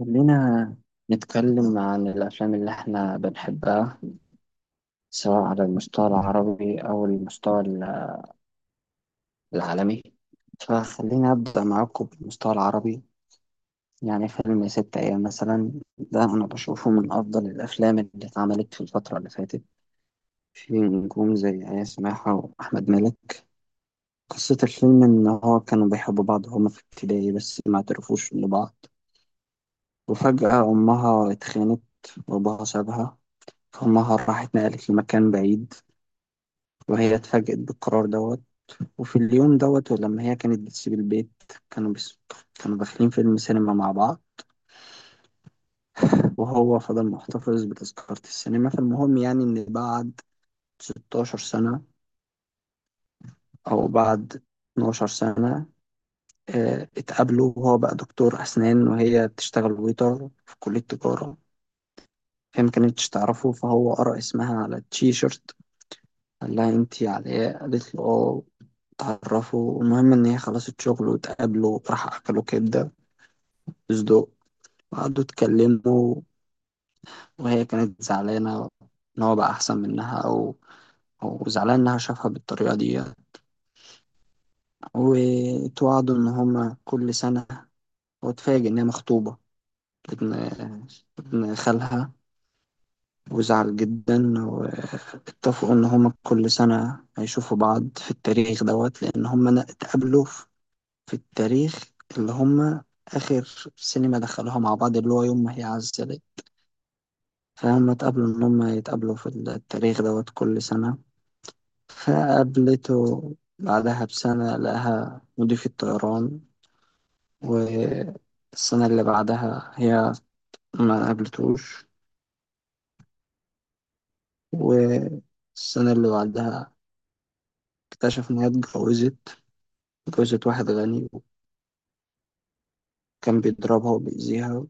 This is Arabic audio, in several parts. خلينا نتكلم عن الأفلام اللي إحنا بنحبها سواء على المستوى العربي أو العالمي. فخلينا أبدأ معاكم بالمستوى العربي. يعني فيلم ست أيام مثلا، ده أنا بشوفه من أفضل الأفلام اللي اتعملت في الفترة اللي فاتت، في نجوم زي إياس ماحة وأحمد مالك. قصة الفيلم إن هو كانوا بيحبوا بعض، هما في ابتدائي بس ما اعترفوش لبعض. وفجأة أمها اتخانت وأبوها سابها، فأمها راحت نقلت لمكان بعيد، وهي اتفاجأت بالقرار دوت. وفي اليوم دوت، ولما هي كانت بتسيب البيت، كانوا بس كانوا داخلين فيلم سينما مع بعض، وهو فضل محتفظ بتذكرة السينما. فالمهم يعني إن بعد 16 سنة أو بعد 12 سنة اتقابلوا، وهو بقى دكتور أسنان وهي بتشتغل ويتر في كلية تجارة. هي ما كانتش تعرفه، فهو قرأ اسمها على التيشيرت، قال لها انتي علاء، قالت له اه تعرفه. المهم ان هي خلصت شغل واتقابلوا، راح اكلوا كبدة صدق وقعدوا اتكلموا. وهي كانت زعلانة إن هو بقى أحسن منها، أو زعلان إنها شافها بالطريقة دي. وتوعدوا إن هما كل سنة، واتفاجئ إن هي مخطوبة ابن ابن خالها، وزعل جدا. واتفقوا إن هما كل سنة هيشوفوا بعض في التاريخ دوت، لأن هما اتقابلوا في التاريخ اللي هما آخر سينما دخلوها مع بعض، اللي هو يوم ما هي عزلت. فهم اتقابلوا إن هم يتقابلوا في التاريخ دوت كل سنة. فقابلته بعدها بسنة لقاها مضيف الطيران، والسنة اللي بعدها هي ما قابلتوش، والسنة اللي بعدها اكتشف إن هي اتجوزت. اتجوزت واحد غني، وكان بيضربها وبيأذيها.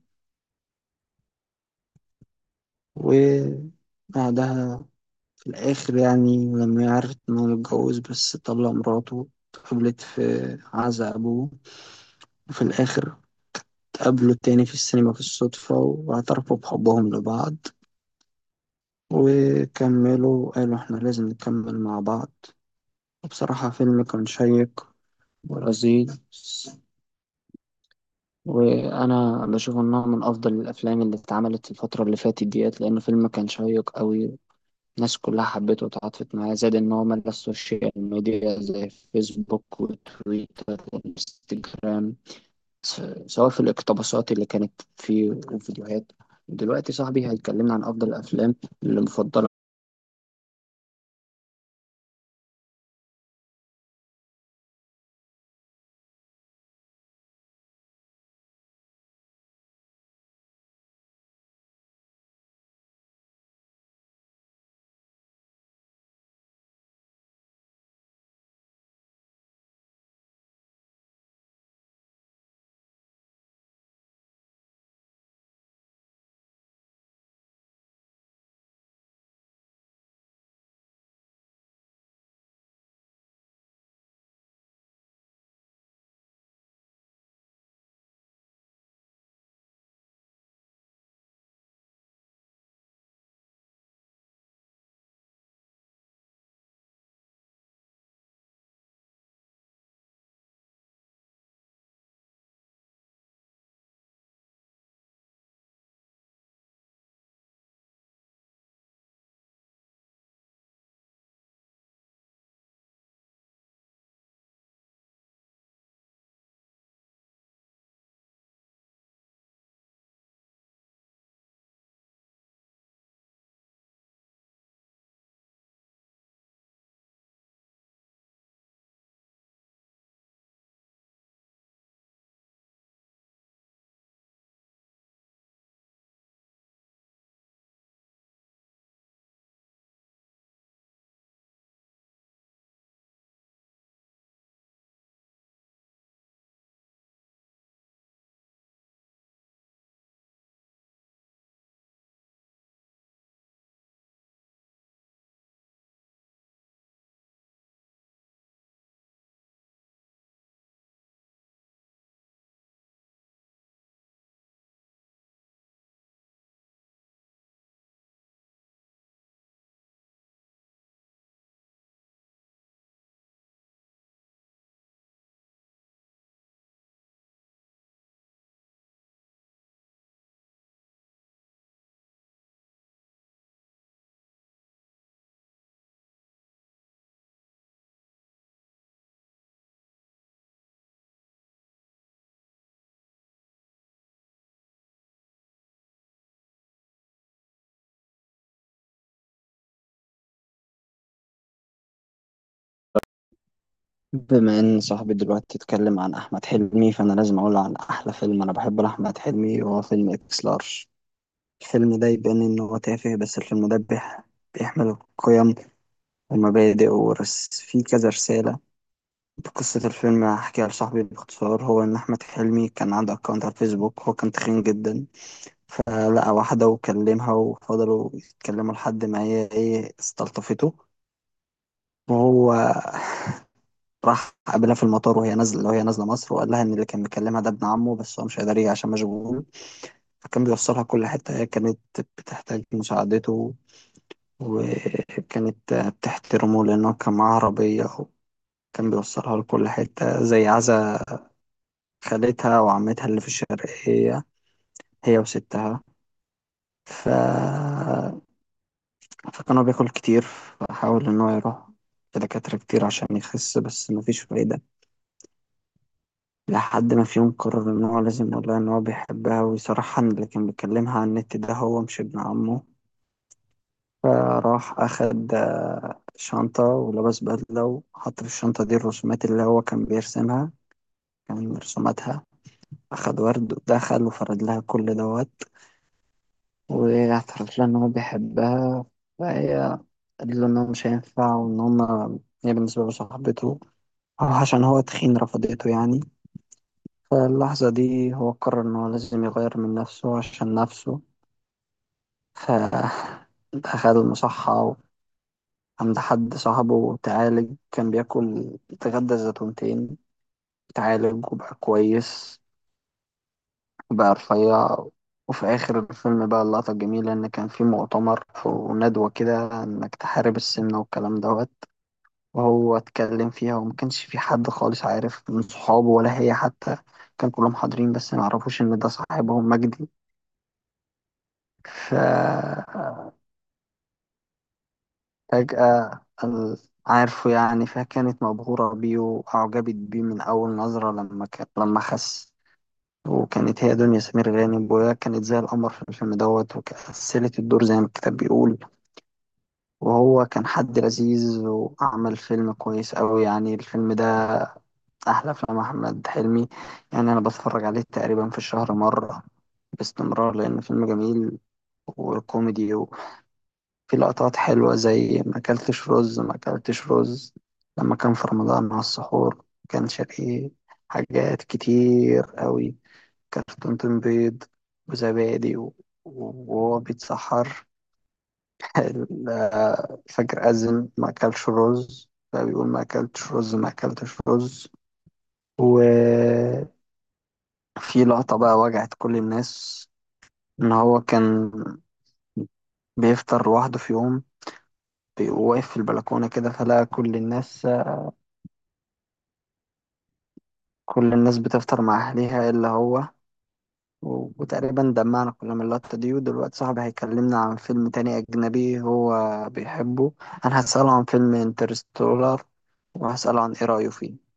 وبعدها في الآخر، يعني لما عرفت إن هو متجوز بس طلق مراته، قبلت في عزا أبوه. وفي الآخر قابلوا التاني في السينما بالصدفة، واعترفوا بحبهم لبعض، وكملوا قالوا إحنا لازم نكمل مع بعض. وبصراحة فيلم كان شيق ولذيذ، وأنا بشوف إنه من أفضل الأفلام اللي اتعملت الفترة اللي فاتت ديت، لأنه فيلم كان شيق أوي. الناس كلها حبته وتعاطفت معاه، زائد إن هو ملا السوشيال ميديا زي فيسبوك وتويتر وإنستجرام، س- سواء في الاقتباسات اللي كانت في الفيديوهات. دلوقتي صاحبي هيكلمنا عن أفضل الأفلام اللي مفضلة. بما إن صاحبي دلوقتي اتكلم عن أحمد حلمي، فأنا لازم أقول عن أحلى فيلم أنا بحبه لأحمد حلمي، وهو فيلم إكس لارج. الفيلم ده يبان إن هو تافه، بس الفيلم ده بيحمل قيم ومبادئ ورس فيه كذا رسالة. قصة الفيلم هحكيها لصاحبي باختصار، هو إن أحمد حلمي كان عنده أكونت على الفيسبوك، هو كان تخين جدا. فلقى واحدة وكلمها وفضلوا يتكلموا لحد ما هي ايه استلطفته. وهو راح قابلها في المطار وهي نازلة، وهي نازلة مصر، وقال لها إن اللي كان مكلمها ده ابن عمه، بس هو مش قادر يجي عشان مشغول. فكان بيوصلها كل حتة هي كانت بتحتاج مساعدته، وكانت بتحترمه لأنه كان معاه عربية، وكان بيوصلها لكل حتة زي عزا خالتها وعمتها اللي في الشرقية، هي وستها. ف فكان هو بياكل كتير، فحاول إن هو يروح لدكاترة كتير عشان يخس، بس مفيش فايدة. لحد ما في يوم قرر إن هو لازم يقول لها إن هو بيحبها، ويصرحها إن اللي كان بيكلمها على النت ده هو مش ابن عمه. فراح أخد شنطة ولبس بدلة، وحط في الشنطة دي الرسومات اللي هو كان بيرسمها، كان رسوماتها. أخد ورد ودخل وفرد لها كل دوت، واعترف لها إن هو بيحبها. فهي قال له إن هو مش هينفع، وإن هما هي بالنسبة له صاحبته، عشان هو تخين رفضته يعني. فاللحظة دي هو قرر إن هو لازم يغير من نفسه عشان نفسه، فدخل المصحة عند حد صاحبه وتعالج، كان بياكل يتغدى زيتونتين. تعالج وبقى كويس وبقى رفيع. وفي آخر الفيلم بقى اللقطة الجميلة، إن كان في مؤتمر وندوة كده إنك تحارب السمنة والكلام دوت، وهو اتكلم فيها، وما كانش في حد خالص عارف من صحابه ولا هي حتى. كان كلهم حاضرين بس ما يعرفوش ان ده صاحبهم مجدي. ف فجأة عارفه يعني. فكانت مبهورة بيه وأعجبت بيه من أول نظرة، لما لما خس. وكانت هي دنيا سمير غانم، وهي كانت زي القمر في الفيلم دوت، وكسلت الدور زي ما الكتاب بيقول. وهو كان حد لذيذ وعمل فيلم كويس أوي، يعني الفيلم أحلى أفلام أحمد حلمي. يعني أنا بتفرج عليه تقريبا في الشهر مرة باستمرار، لأن فيلم جميل وكوميدي، وفي لقطات حلوة زي ما أكلتش رز ما أكلتش رز لما كان في رمضان مع السحور، كان شقي. حاجات كتير أوي، كرتونة بيض وزبادي وهو بيتسحر، الفجر أذن ما أكلش رز، فبيقول ما أكلتش رز ما أكلتش رز. و في لقطة بقى وجعت كل الناس، إن هو كان بيفطر لوحده في يوم، وواقف في البلكونة كده، فلقى كل الناس، كل الناس بتفطر مع أهلها إلا هو. وتقريبا دمعنا كلنا من اللقطة دي. ودلوقتي صاحبي هيكلمنا عن فيلم تاني أجنبي هو بيحبه، أنا هسأله عن فيلم انترستولار، وهسأله عن إيه رأيه فيه.